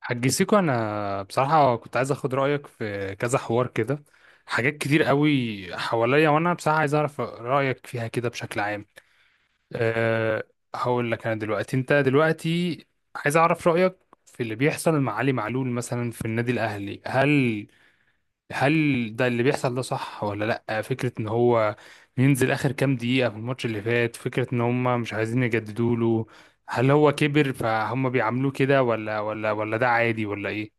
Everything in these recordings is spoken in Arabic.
حاج سيكو، انا بصراحه كنت عايز اخد رايك في كذا حوار كده. حاجات كتير قوي حواليا، وانا بصراحه عايز اعرف رايك فيها كده بشكل عام. أه، هقول لك. انا دلوقتي انت دلوقتي عايز اعرف رايك في اللي بيحصل مع علي معلول مثلا في النادي الاهلي. هل ده اللي بيحصل ده صح ولا لا؟ فكره ان هو ينزل اخر كام دقيقه في الماتش اللي فات، فكره ان هم مش عايزين يجددوا له. هل هو كبر فهم بيعاملوه كده، ولا ده عادي، ولا ايه؟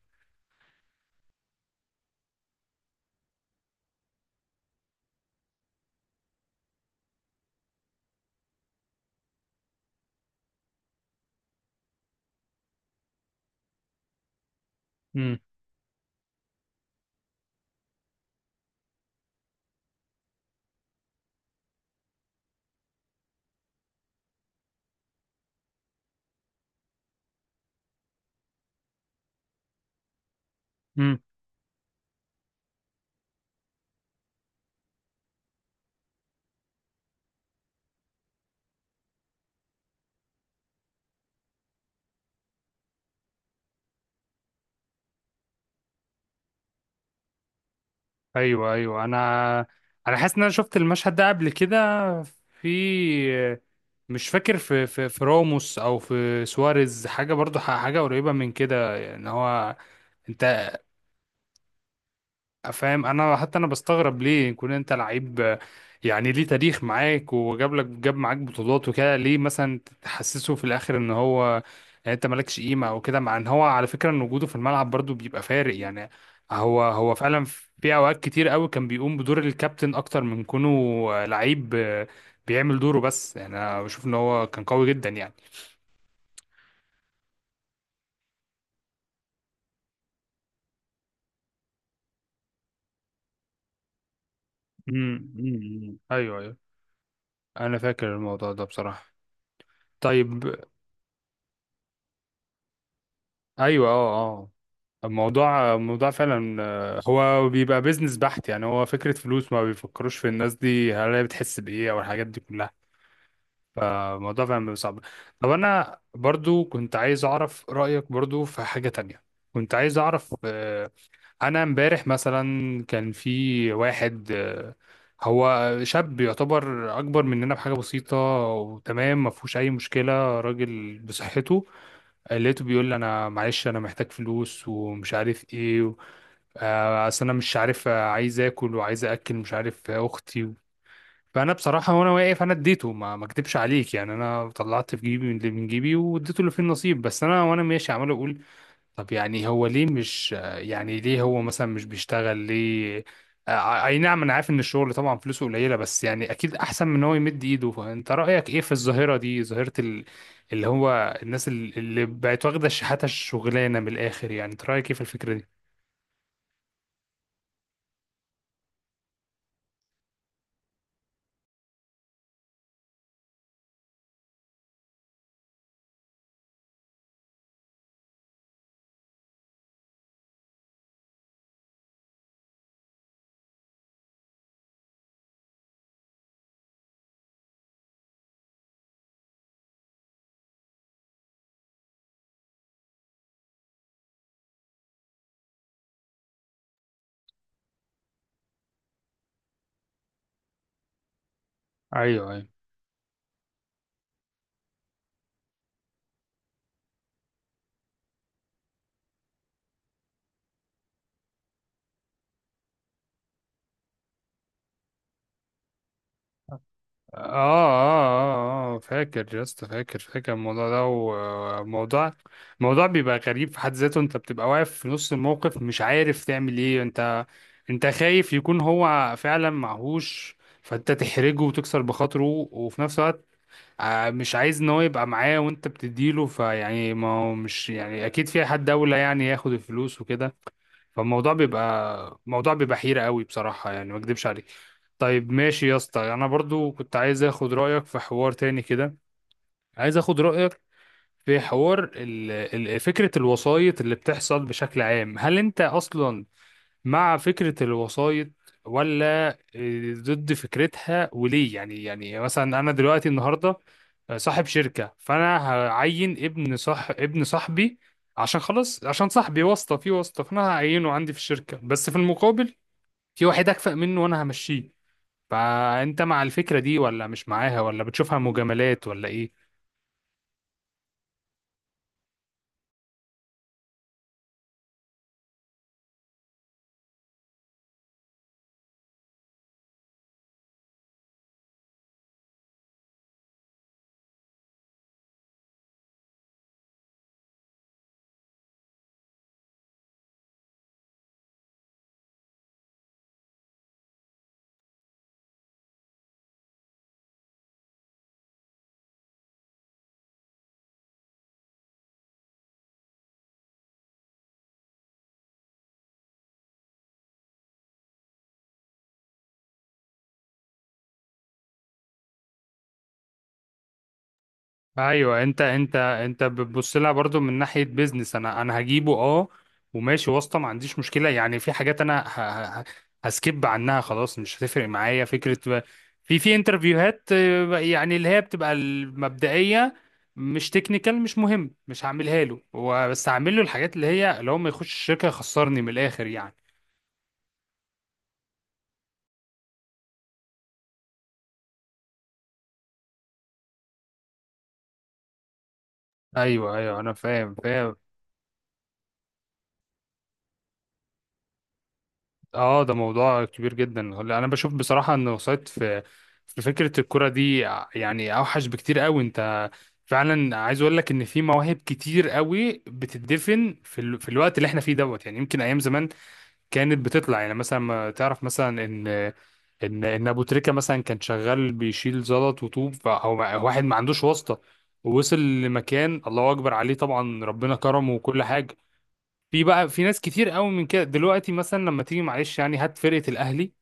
امم امم ايوه، ايوه، انا حاسس ان انا شفت المشهد ده قبل كده. في مش فاكر في راموس او في سواريز حاجه، برضو حاجه قريبه من كده. ان هو انت فاهم؟ انا حتى انا بستغرب ليه يكون انت لعيب، يعني ليه تاريخ معاك وجاب لك جاب معاك بطولات وكده، ليه مثلا تحسسه في الاخر ان هو يعني انت مالكش قيمه او كده. مع ان هو على فكره ان وجوده في الملعب برضو بيبقى فارق يعني. هو فعلا في اوقات كتير قوي كان بيقوم بدور الكابتن اكتر من كونه لعيب بيعمل دوره بس، يعني انا بشوف ان هو كان قوي جدا يعني. أمم. ايوه، ايوه، انا فاكر الموضوع ده بصراحه. طيب. ايوه، اه، اه. الموضوع فعلا هو بيبقى بيزنس بحت، يعني هو فكرة فلوس، ما بيفكروش في الناس دي هل هي بتحس بإيه أو الحاجات دي كلها. فالموضوع فعلا بيبقى صعب. طب أنا برضو كنت عايز أعرف رأيك برضو في حاجة تانية. كنت عايز أعرف، أنا امبارح مثلا كان في واحد، هو شاب يعتبر أكبر مننا بحاجة بسيطة، وتمام، ما فيهوش أي مشكلة، راجل بصحته. لقيته بيقول لي أنا معلش أنا محتاج فلوس ومش عارف إيه، اصل انا مش عارف عايز اكل مش عارف، اختي و... فانا بصراحه وانا واقف انا اديته، ما اكدبش عليك يعني، انا طلعت في جيبي من جيبي واديته اللي فيه النصيب. بس انا وانا ماشي عمال اقول طب يعني هو ليه مش آه، يعني ليه هو مثلا مش بيشتغل؟ ليه؟ اي نعم انا عارف ان الشغل طبعا فلوسه قليله، بس يعني اكيد احسن من ان هو يمد ايده. فانت رايك ايه في الظاهره دي، ظاهره اللي هو الناس اللي بقت واخده شحاته الشغلانه من الاخر؟ يعني انت رايك ايه في الفكره دي؟ ايوه، ايوه، اه، اه، اه، فاكر يا اسطى، فاكر الموضوع ده. وموضوع بيبقى غريب في حد ذاته، انت بتبقى واقف في نص الموقف مش عارف تعمل ايه. انت انت خايف يكون هو فعلا معهوش فانت تحرجه وتكسر بخاطره، وفي نفس الوقت مش عايز ان هو يبقى معاه وانت بتديله، فيعني ما هو مش يعني اكيد في حد اولى يعني ياخد الفلوس وكده. فالموضوع بيبقى موضوع، بيبقى حيرة قوي بصراحة، يعني ما اكدبش عليك. طيب ماشي يا اسطى، انا برضو كنت عايز اخد رايك في حوار تاني كده. عايز اخد رايك في حوار فكره الوسايط اللي بتحصل بشكل عام. هل انت اصلا مع فكره الوسايط، ولا ضد فكرتها، وليه؟ يعني يعني مثلا انا دلوقتي النهارده صاحب شركه، فانا هعين ابن، صح، ابن صاحبي، عشان خلاص عشان صاحبي واسطه في واسطه، فانا هعينه عندي في الشركه، بس في المقابل في واحد اكفأ منه وانا همشيه. فانت مع الفكرة دي، ولا مش معاها، ولا بتشوفها مجاملات، ولا ايه؟ ايوه، انت بتبص لها برضو من ناحية بيزنس. انا هجيبه، اه، وماشي واسطة، ما عنديش مشكلة، يعني في حاجات انا هسكيب عنها خلاص، مش هتفرق معايا فكرة في انترفيوهات يعني اللي هي بتبقى المبدئية، مش تكنيكال مش مهم، مش هعملها له هو. بس هعمل له الحاجات اللي هي لو ما يخش الشركة يخسرني من الاخر يعني. ايوه، ايوه، انا فاهم، فاهم. اه ده موضوع كبير جدا. هلا انا بشوف بصراحه ان وسط في فكره الكره دي يعني اوحش بكتير قوي. انت فعلا عايز اقول لك ان في مواهب كتير قوي بتدفن في في الوقت اللي احنا فيه دوت. يعني يمكن ايام زمان كانت بتطلع، يعني مثلا ما تعرف مثلا ان ابو تريكه مثلا كان شغال بيشيل زلط وطوب، فهو واحد ما عندوش واسطه، ووصل لمكان، الله اكبر عليه طبعا، ربنا كرمه وكل حاجه. في ناس كتير قوي من كده دلوقتي، مثلا لما تيجي معلش يعني هات فرقة الأهلي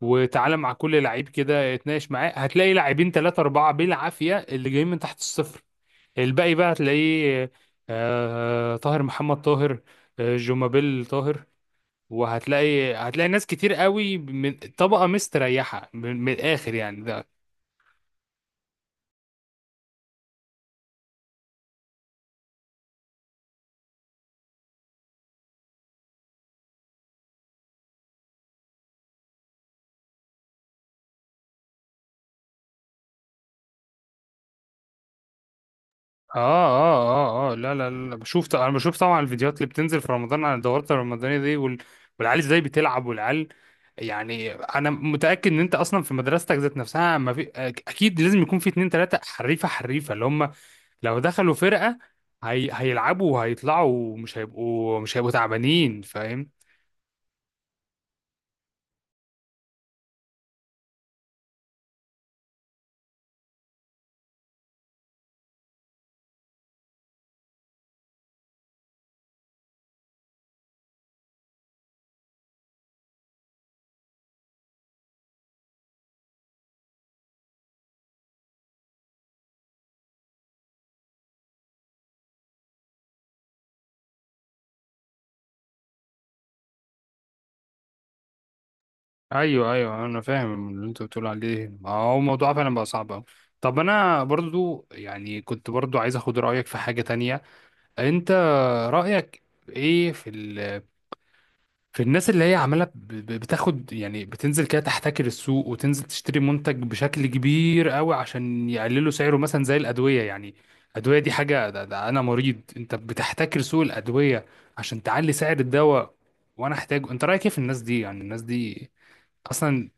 وتعالى مع كل لعيب كده اتناقش معاه، هتلاقي لاعبين ثلاثة أربعة بالعافية اللي جايين من تحت الصفر. الباقي بقى هتلاقيه، آه طاهر محمد طاهر، آه جومابيل طاهر، وهتلاقي ناس كتير قوي من طبقة مستريحة من الآخر يعني. اه، اه، اه، اه، لا، لا، لا، بشوف انا بشوف طبعا الفيديوهات اللي بتنزل في رمضان على الدورات الرمضانية دي والعيال ازاي بتلعب، والعيال يعني، انا متأكد ان انت اصلا في مدرستك ذات نفسها ما في اكيد لازم يكون في اتنين تلاتة حريفة، حريفة اللي هم لو دخلوا فرقة هيلعبوا وهيطلعوا، ومش هيبقوا، مش هيبقوا تعبانين. فاهم؟ ايوه، ايوه، انا فاهم اللي انت بتقول عليه. ما هو الموضوع فعلا بقى صعب أوي. طب انا برضو يعني كنت برضو عايز اخد رايك في حاجه تانية. انت رأيك ايه في في الناس اللي هي عمالة بتاخد، يعني بتنزل كده تحتكر السوق، وتنزل تشتري منتج بشكل كبير قوي عشان يقللوا سعره، مثلا زي الأدوية يعني. الأدوية دي حاجة، ده أنا مريض، انت بتحتكر سوق الأدوية عشان تعلي سعر الدواء وأنا أحتاجه. انت رأيك ايه في الناس دي؟ يعني الناس دي أصلا.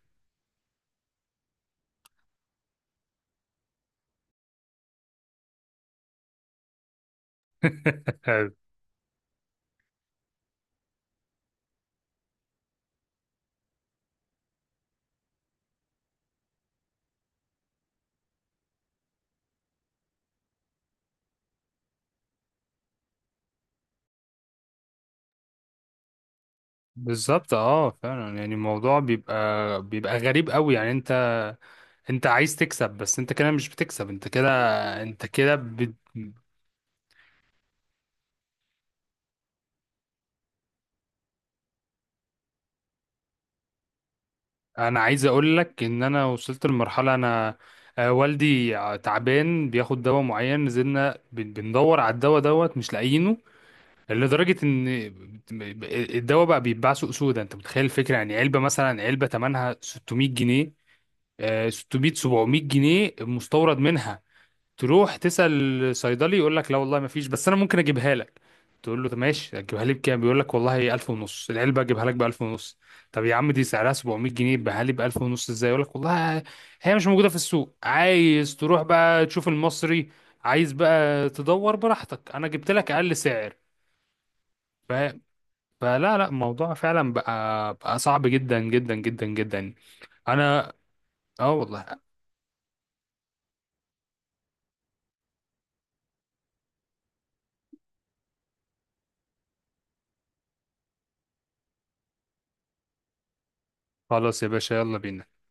بالظبط، اه فعلا، يعني الموضوع بيبقى، غريب قوي يعني. انت، انت عايز تكسب، بس انت كده مش بتكسب انت كده. انت كده بت... انا عايز اقول لك ان انا وصلت لمرحله، انا آه، والدي تعبان بياخد دواء معين، نزلنا بندور على الدواء دوت مش لاقيينه. لدرجه ان الدواء بقى بيتباع سوق سودا. انت متخيل الفكره؟ يعني علبه، مثلا علبه ثمنها 600 جنيه، 600 700 جنيه مستورد منها، تروح تسأل صيدلي يقول لك لا والله ما فيش، بس انا ممكن اجيبها لك. تقول له طب ماشي، هتجيبها لي بكام؟ بيقول لك والله 1000 ونص العلبه، اجيبها لك ب 1000 ونص. طب يا عم دي سعرها 700 جنيه، بها لي ب 1000 ونص ازاي؟ يقول لك والله هي مش موجوده في السوق، عايز تروح بقى تشوف المصري، عايز بقى تدور براحتك، انا جبت لك اقل سعر. ف... فلا، لا، الموضوع فعلا بقى صعب جدا جدا جدا جدا. انا اه والله. خلاص يا باشا، يلا بينا.